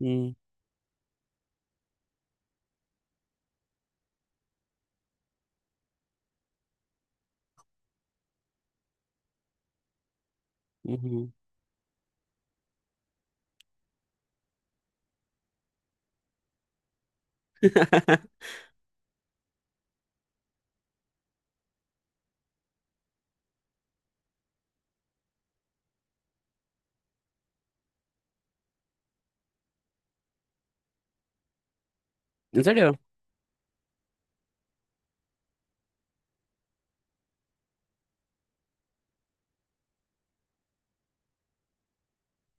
Mm, ujú. ¿En serio?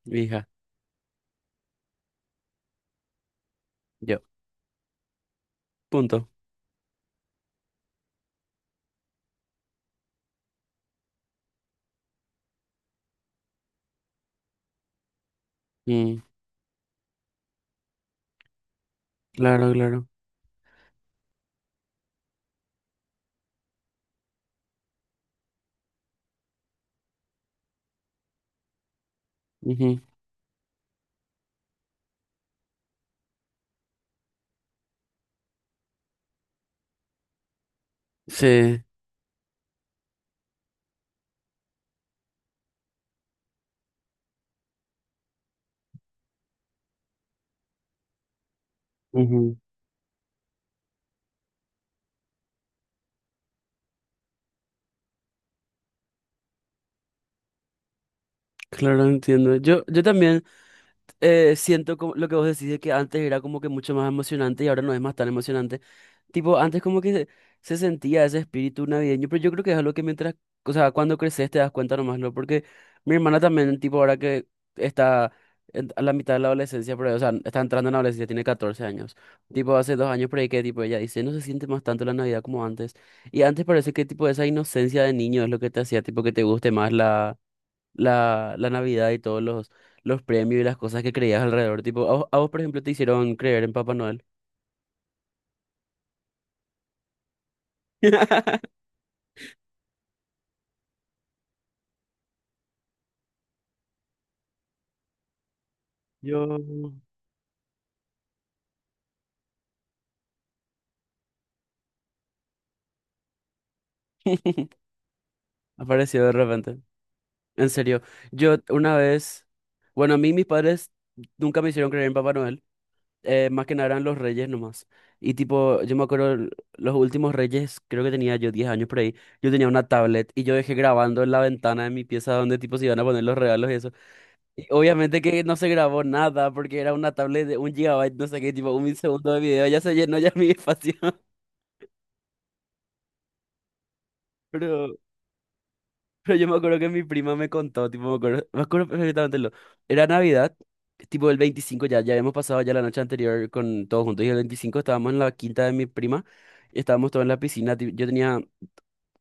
Hija, yo. Punto. Mm, claro, claro. Ujú. Sí. Ujú. Claro, entiendo. Yo también. Siento como- lo que vos decís de que antes era como que mucho más emocionante y ahora no es más tan emocionante. Tipo, antes como que se sentía ese espíritu navideño, pero yo creo que es algo que mientras, o sea, cuando creces te das cuenta nomás, ¿no? Porque mi hermana también, tipo, ahora que está en- a la mitad de la adolescencia, pero, o sea, está entrando en la adolescencia, tiene 14 años. Tipo, hace 2 años por ahí que, tipo, ella dice, no se siente más tanto la Navidad como antes. Y antes parece que, tipo, esa inocencia de niño es lo que te hacía, tipo, que te guste más la Navidad y todos los premios y las cosas que creías alrededor. Tipo, a vos, por ejemplo, te hicieron creer en Papá Noel. Yo. Apareció de repente. En serio, yo una vez, bueno, a mí mis padres nunca me hicieron creer en Papá Noel, más que nada eran los reyes nomás. Y tipo, yo me acuerdo, los últimos reyes, creo que tenía yo 10 años por ahí, yo tenía una tablet y yo dejé grabando en la ventana de mi pieza donde tipo se iban a poner los regalos y eso. Y obviamente que no se grabó nada porque era una tablet de un gigabyte, no sé qué, tipo un segundo de video, ya se llenó ya mi espacio. Pero, pero yo me acuerdo que mi prima me contó, tipo, me acuerdo perfectamente lo. Era Navidad, tipo el 25 ya, ya habíamos pasado ya la noche anterior con todos juntos y el 25 estábamos en la quinta de mi prima y estábamos todos en la piscina. Yo tenía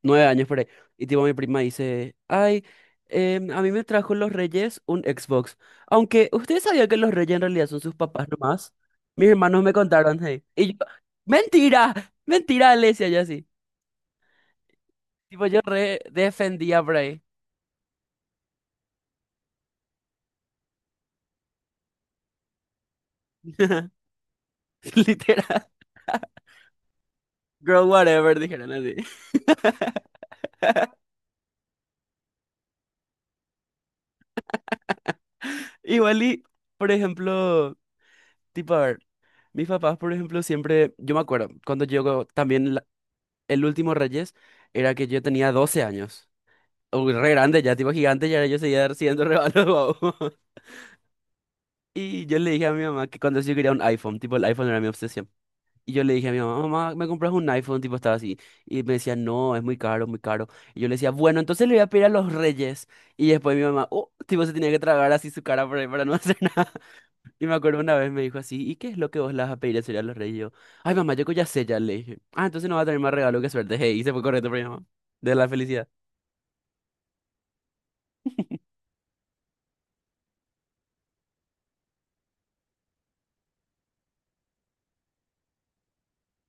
9 años por ahí. Y tipo mi prima dice, ay, a mí me trajo los Reyes un Xbox. Aunque ustedes sabían que los Reyes en realidad son sus papás nomás. Mis hermanos me contaron, hey. Y yo, mentira, mentira, le decía yo así. Tipo yo re defendía por ahí. Literal. Girl, whatever, dijeron así. Igual y, por ejemplo, tipo, a ver, mis papás, por ejemplo, siempre, yo me acuerdo, cuando yo también el último Reyes era que yo tenía 12 años. Uy, re grande ya, tipo gigante, ya yo seguía siendo re malo, babo. Y yo le dije a mi mamá que cuando yo quería un iPhone, tipo el iPhone era mi obsesión. Y yo le dije a mi mamá, mamá, ¿me compras un iPhone? Tipo estaba así. Y me decía, no, es muy caro, muy caro. Y yo le decía, bueno, entonces le voy a pedir a los Reyes. Y después mi mamá, oh, tipo se tenía que tragar así su cara por ahí para no hacer nada. Y me acuerdo una vez me dijo así, ¿y qué es lo que vos le vas a pedir a Celia a los Reyes? Y yo, ay, mamá, yo que ya sé, ya le dije. Ah, entonces no va a tener más regalo, qué suerte. Hey, y se fue corriendo por mi mamá. De la felicidad.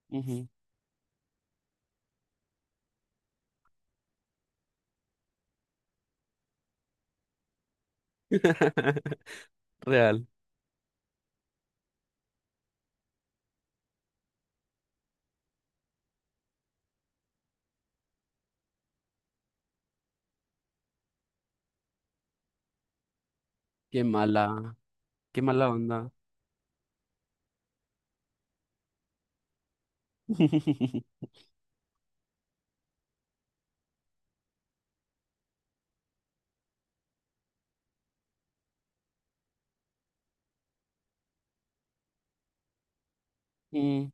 Ujú. Real. Qué mala, qué mala onda. Mm.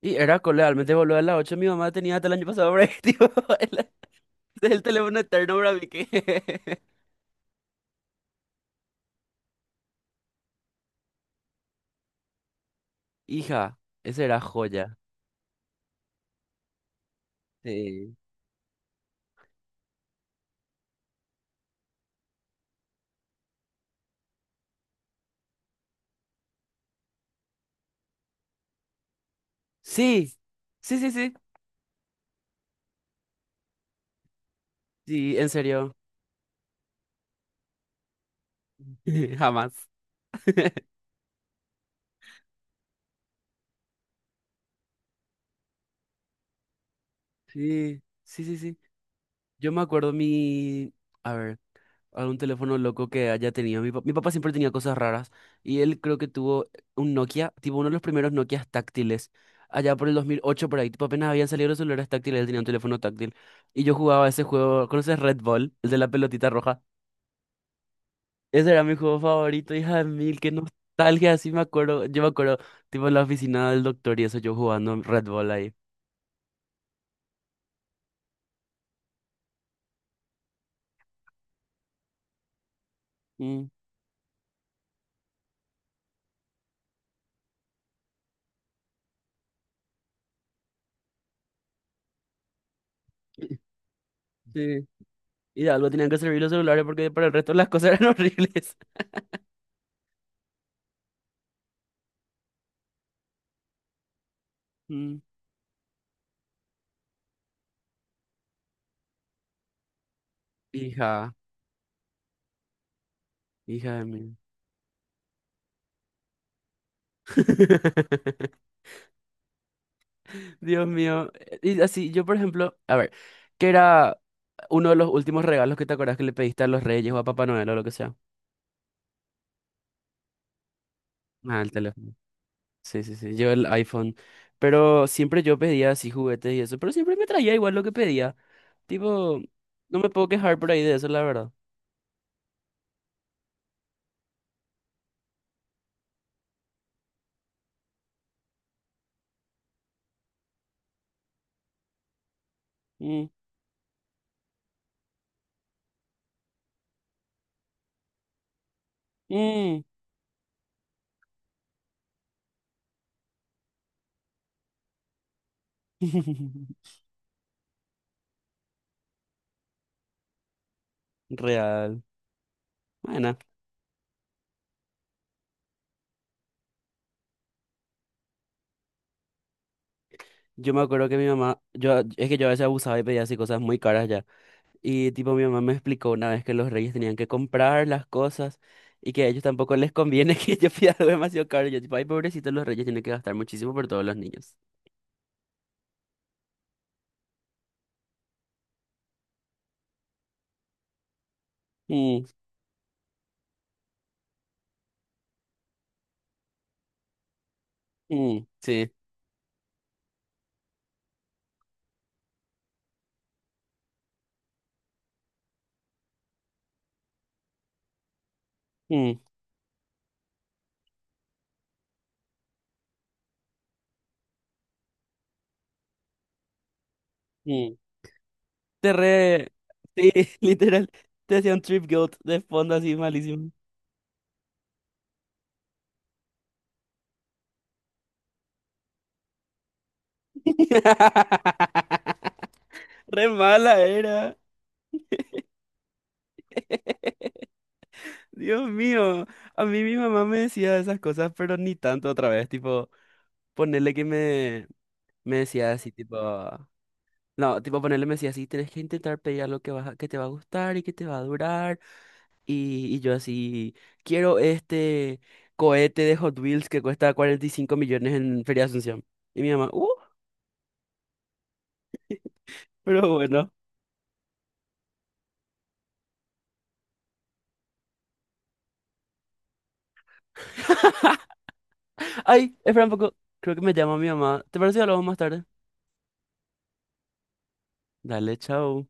Y era cole, realmente boludo, a las 8 mi mamá tenía hasta el año pasado, bre, tipo, el, el teléfono eterno, bra, vi que- Hija, esa era joya. Sí. Sí, sí, sí, sí. Sí, en serio. Jamás. Sí, sí, sí, sí. Yo me acuerdo mi... A ver. Algún teléfono loco que haya tenido. Mi papá siempre tenía cosas raras. Y él creo que tuvo un Nokia, tipo uno de los primeros Nokias táctiles. Allá por el 2008 por ahí. Tipo apenas habían salido los celulares táctiles, él tenía un teléfono táctil. Y yo jugaba ese juego. ¿Conoces Red Ball? El de la pelotita roja. Ese era mi juego favorito, hija de mil. Qué nostalgia, así me acuerdo. Yo me acuerdo, tipo en la oficina del doctor y eso, yo jugando Red Ball ahí. Mm. Sí. Y de algo tenían que servir los celulares porque para el resto las cosas eran horribles. Mm, hija, hija de mil. Dios mío. Y así, yo por ejemplo, a ver, ¿qué era uno de los últimos regalos que te acuerdas que le pediste a los Reyes o a Papá Noel o lo que sea? Ah, el teléfono. Sí, sí, sí, yo el iPhone. Pero siempre yo pedía así juguetes y eso, pero siempre me traía igual lo que pedía. Tipo, no me puedo quejar por ahí de eso, la verdad. Mm, mm. Real. Bueno, yo me acuerdo que mi mamá, yo es que yo a veces abusaba y pedía así cosas muy caras ya. Y tipo mi mamá me explicó una vez que los reyes tenían que comprar las cosas y que a ellos tampoco les conviene que yo pida algo demasiado caro. Y yo tipo, ay, pobrecitos los reyes tienen que gastar muchísimo por todos los niños. Mm, mm, sí. Mm, mm. Te re... Sí, literal. Te hacía un trip guilt de fondo así malísimo. Re mala era. Dios mío. A mí mi mamá me decía esas cosas, pero ni tanto otra vez. Tipo, ponerle que me decía así, tipo. No, tipo ponerle me decía así, tenés que intentar pedir algo que, vas a- que te va a gustar y que te va a durar. Y yo así, quiero este cohete de Hot Wheels que cuesta 45 millones en Feria de Asunción. Y mi mamá, pero bueno. Ay, espera un poco, creo que me llama mi mamá. ¿Te parece que hablamos más tarde? Dale, chao.